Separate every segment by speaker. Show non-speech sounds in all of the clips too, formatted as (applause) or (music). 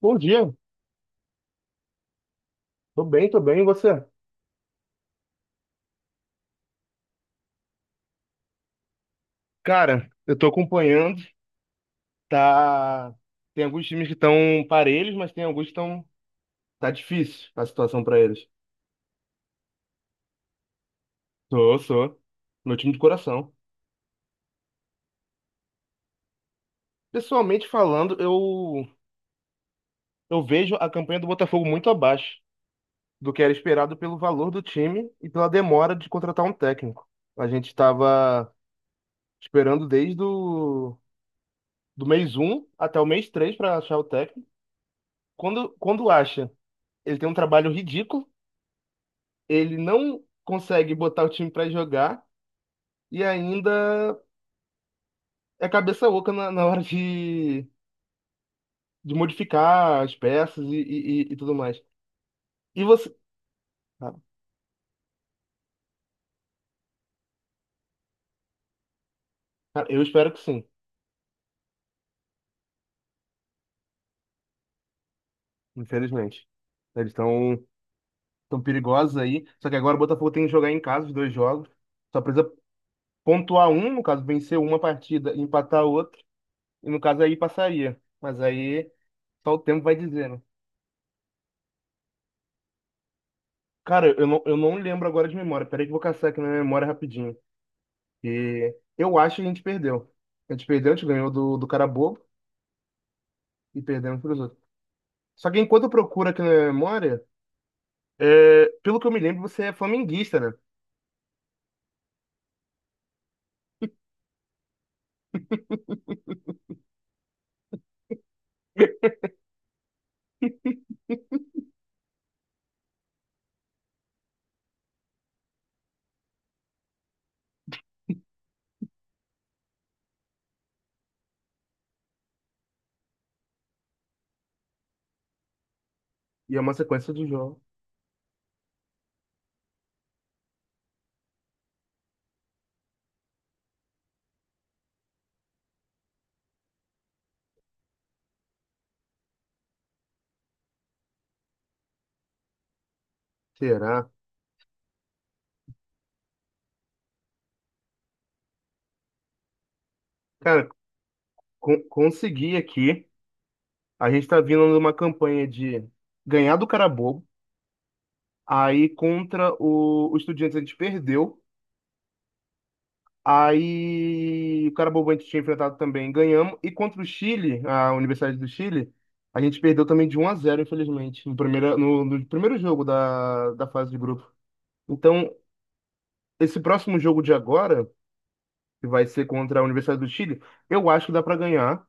Speaker 1: Bom dia. Tô bem, tô bem, e você? Cara, eu tô acompanhando, tá... Tem alguns times que estão parelhos, mas tem alguns que estão... Tá difícil a situação pra eles. Sou, sou. Meu time de coração. Pessoalmente falando, eu vejo a campanha do Botafogo muito abaixo do que era esperado pelo valor do time e pela demora de contratar um técnico. A gente estava esperando do mês um até o mês 3 pra achar o técnico. Quando acha, ele tem um trabalho ridículo, ele não consegue botar o time para jogar e ainda é cabeça oca na hora de modificar as peças e tudo mais. E você? Cara, cara, eu espero que sim, infelizmente. Eles estão tão tão perigosos aí. Só que agora o Botafogo tem que jogar em casa os dois jogos. Só precisa pontuar um, no caso, vencer uma partida, e empatar outra. E no caso aí passaria. Mas aí só o tempo vai dizer, né? Cara, eu não lembro agora de memória. Peraí que eu vou caçar aqui na minha memória rapidinho. E eu acho que a gente perdeu. A gente perdeu, a gente ganhou do cara bobo e perdemos pros outros. Só que enquanto eu procuro aqui na memória, é, pelo que eu me lembro, você é flamenguista, né? E é uma sequência de jogos. Será? Cara, consegui aqui. A gente tá vindo numa campanha de ganhar do cara bobo. Aí contra o Estudiantes a gente perdeu. Aí o Carabobo a gente tinha enfrentado também, ganhamos. E contra o Chile, a Universidade do Chile, a gente perdeu também de um a zero infelizmente, no primeiro jogo da fase de grupo. Então, esse próximo jogo de agora, que vai ser contra a Universidade do Chile, eu acho que dá para ganhar.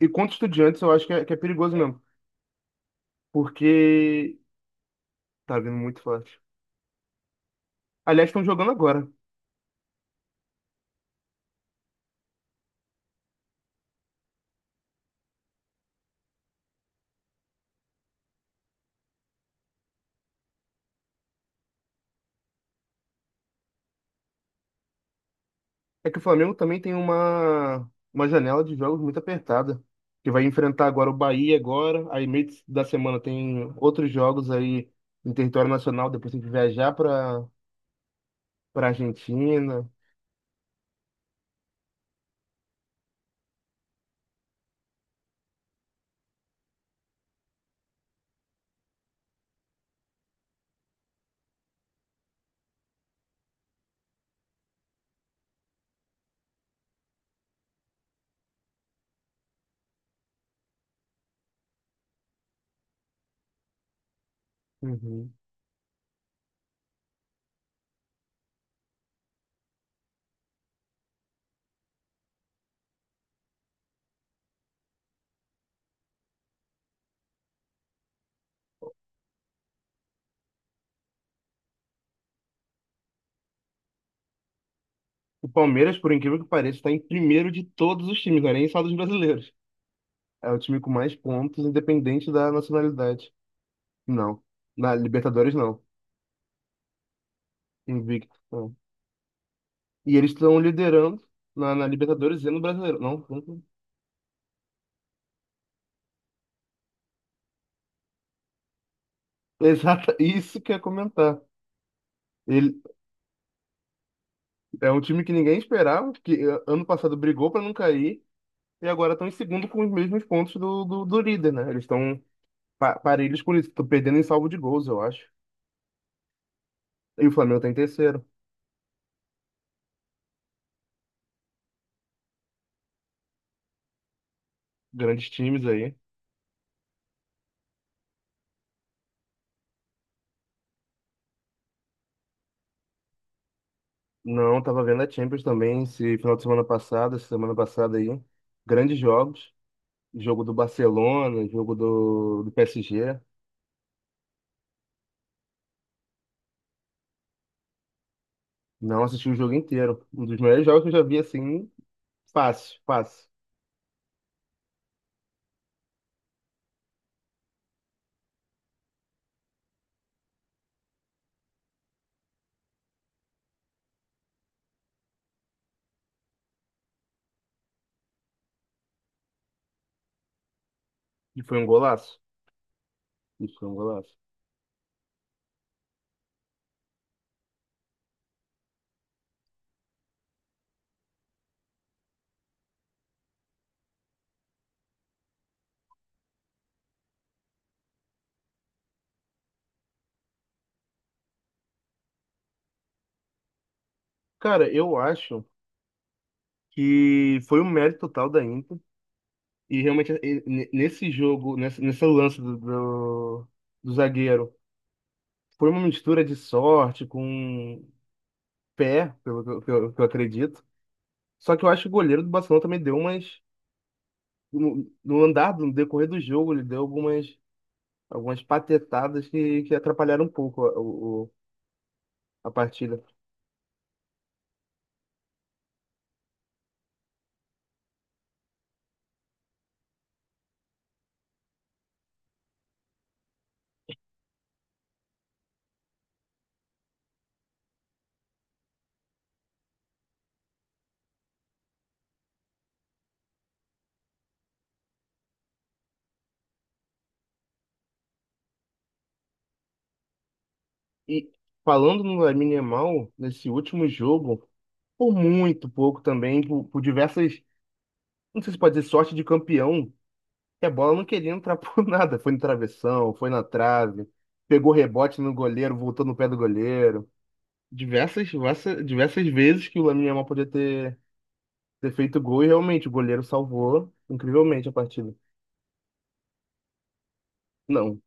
Speaker 1: E contra o Estudiantes, eu acho que é perigoso mesmo, porque tá vindo muito forte. Aliás, estão jogando agora. É que o Flamengo também tem uma janela de jogos muito apertada, que vai enfrentar agora o Bahia agora, aí meio da semana tem outros jogos aí em território nacional, depois tem que viajar para Argentina. Uhum. O Palmeiras, por incrível que pareça, está em primeiro de todos os times, não é nem só dos brasileiros. É o time com mais pontos, independente da nacionalidade. Não, na Libertadores não, invicto. Não. E eles estão liderando na Libertadores e no Brasileiro. Não, não. Exato, isso que eu ia comentar. Ele é um time que ninguém esperava, que ano passado brigou para não cair e agora estão em segundo com os mesmos pontos do líder, né? Eles estão pa parelhos por isso, estão perdendo em salvo de gols, eu acho. E o Flamengo tá em terceiro. Grandes times aí. Não, tava vendo a Champions também esse final de semana passada, essa semana passada aí. Grandes jogos. Jogo do Barcelona, jogo do PSG. Não assisti o jogo inteiro. Um dos melhores jogos que eu já vi assim, fácil, fácil. E foi um golaço. Isso foi um golaço. Cara, eu acho que foi um mérito total da Inter. E realmente, nesse jogo, nesse lance do zagueiro, foi uma mistura de sorte com pé, pelo que que eu acredito. Só que eu acho que o goleiro do Barcelona também deu umas. No andar, no decorrer do jogo, ele deu algumas patetadas que atrapalharam um pouco a partida. E falando no Lamine Yamal, nesse último jogo, por muito pouco também, por diversas, não sei se pode dizer sorte de campeão, que a bola não queria entrar por (laughs) nada. Foi no travessão, foi na trave, pegou rebote no goleiro, voltou no pé do goleiro. Diversas, diversas, diversas vezes que o Lamine Yamal ter feito gol e realmente o goleiro salvou incrivelmente a partida. Não.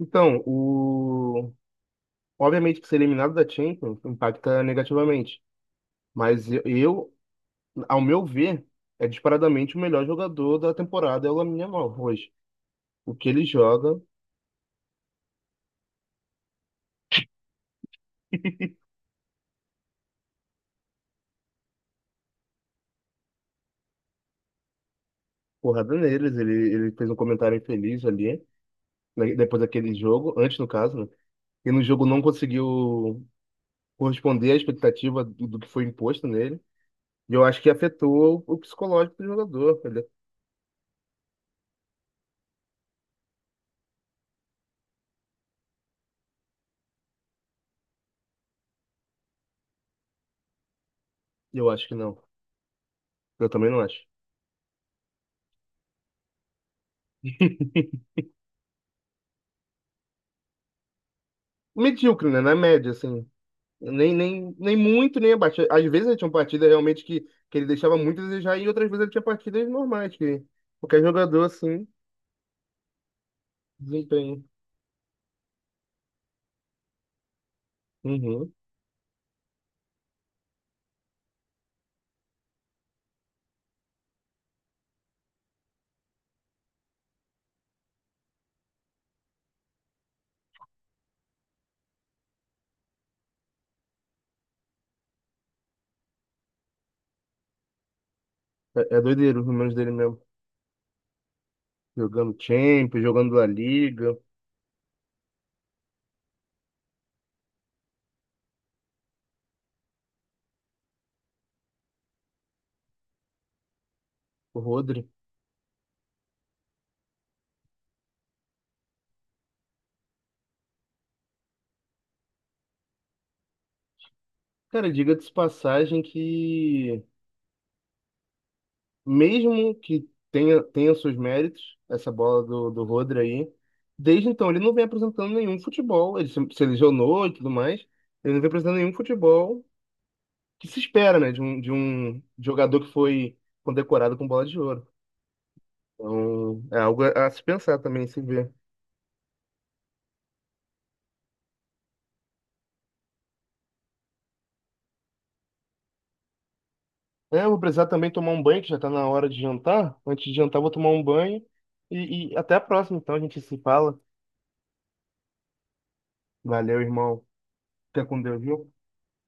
Speaker 1: Então, o... Obviamente que ser eliminado da Champions impacta negativamente. Mas eu, Ao meu ver, é disparadamente o melhor jogador da temporada é o Lamine Yamal hoje. O que ele joga, (laughs) porrada neles. Ele fez um comentário infeliz ali, né, depois daquele jogo, antes no caso, né? E no jogo não conseguiu corresponder à expectativa do que foi imposto nele. E eu acho que afetou o psicológico do jogador. Ele- Eu acho que não. Eu também não acho. (laughs) Medíocre, né? Na média, assim. Nem muito, nem abaixo. Às vezes ele tinha partidas realmente que ele deixava muito a desejar, e outras vezes ele tinha partidas normais, que qualquer jogador assim, desempenho. Uhum. É, é doideiro os números dele mesmo. Jogando Champions, jogando La Liga, o Rodri. Cara, diga-se de passagem que, mesmo que tenha seus méritos, essa bola do Rodri aí, desde então ele não vem apresentando nenhum futebol. Ele se lesionou e tudo mais, ele não vem apresentando nenhum futebol que se espera, né, de um jogador que foi condecorado com bola de ouro. Então, é algo a se pensar também, se ver. É, eu vou precisar também tomar um banho, que já tá na hora de jantar. Antes de jantar, eu vou tomar um banho. E até a próxima, então, a gente se fala. Valeu, irmão. Fica com Deus, viu?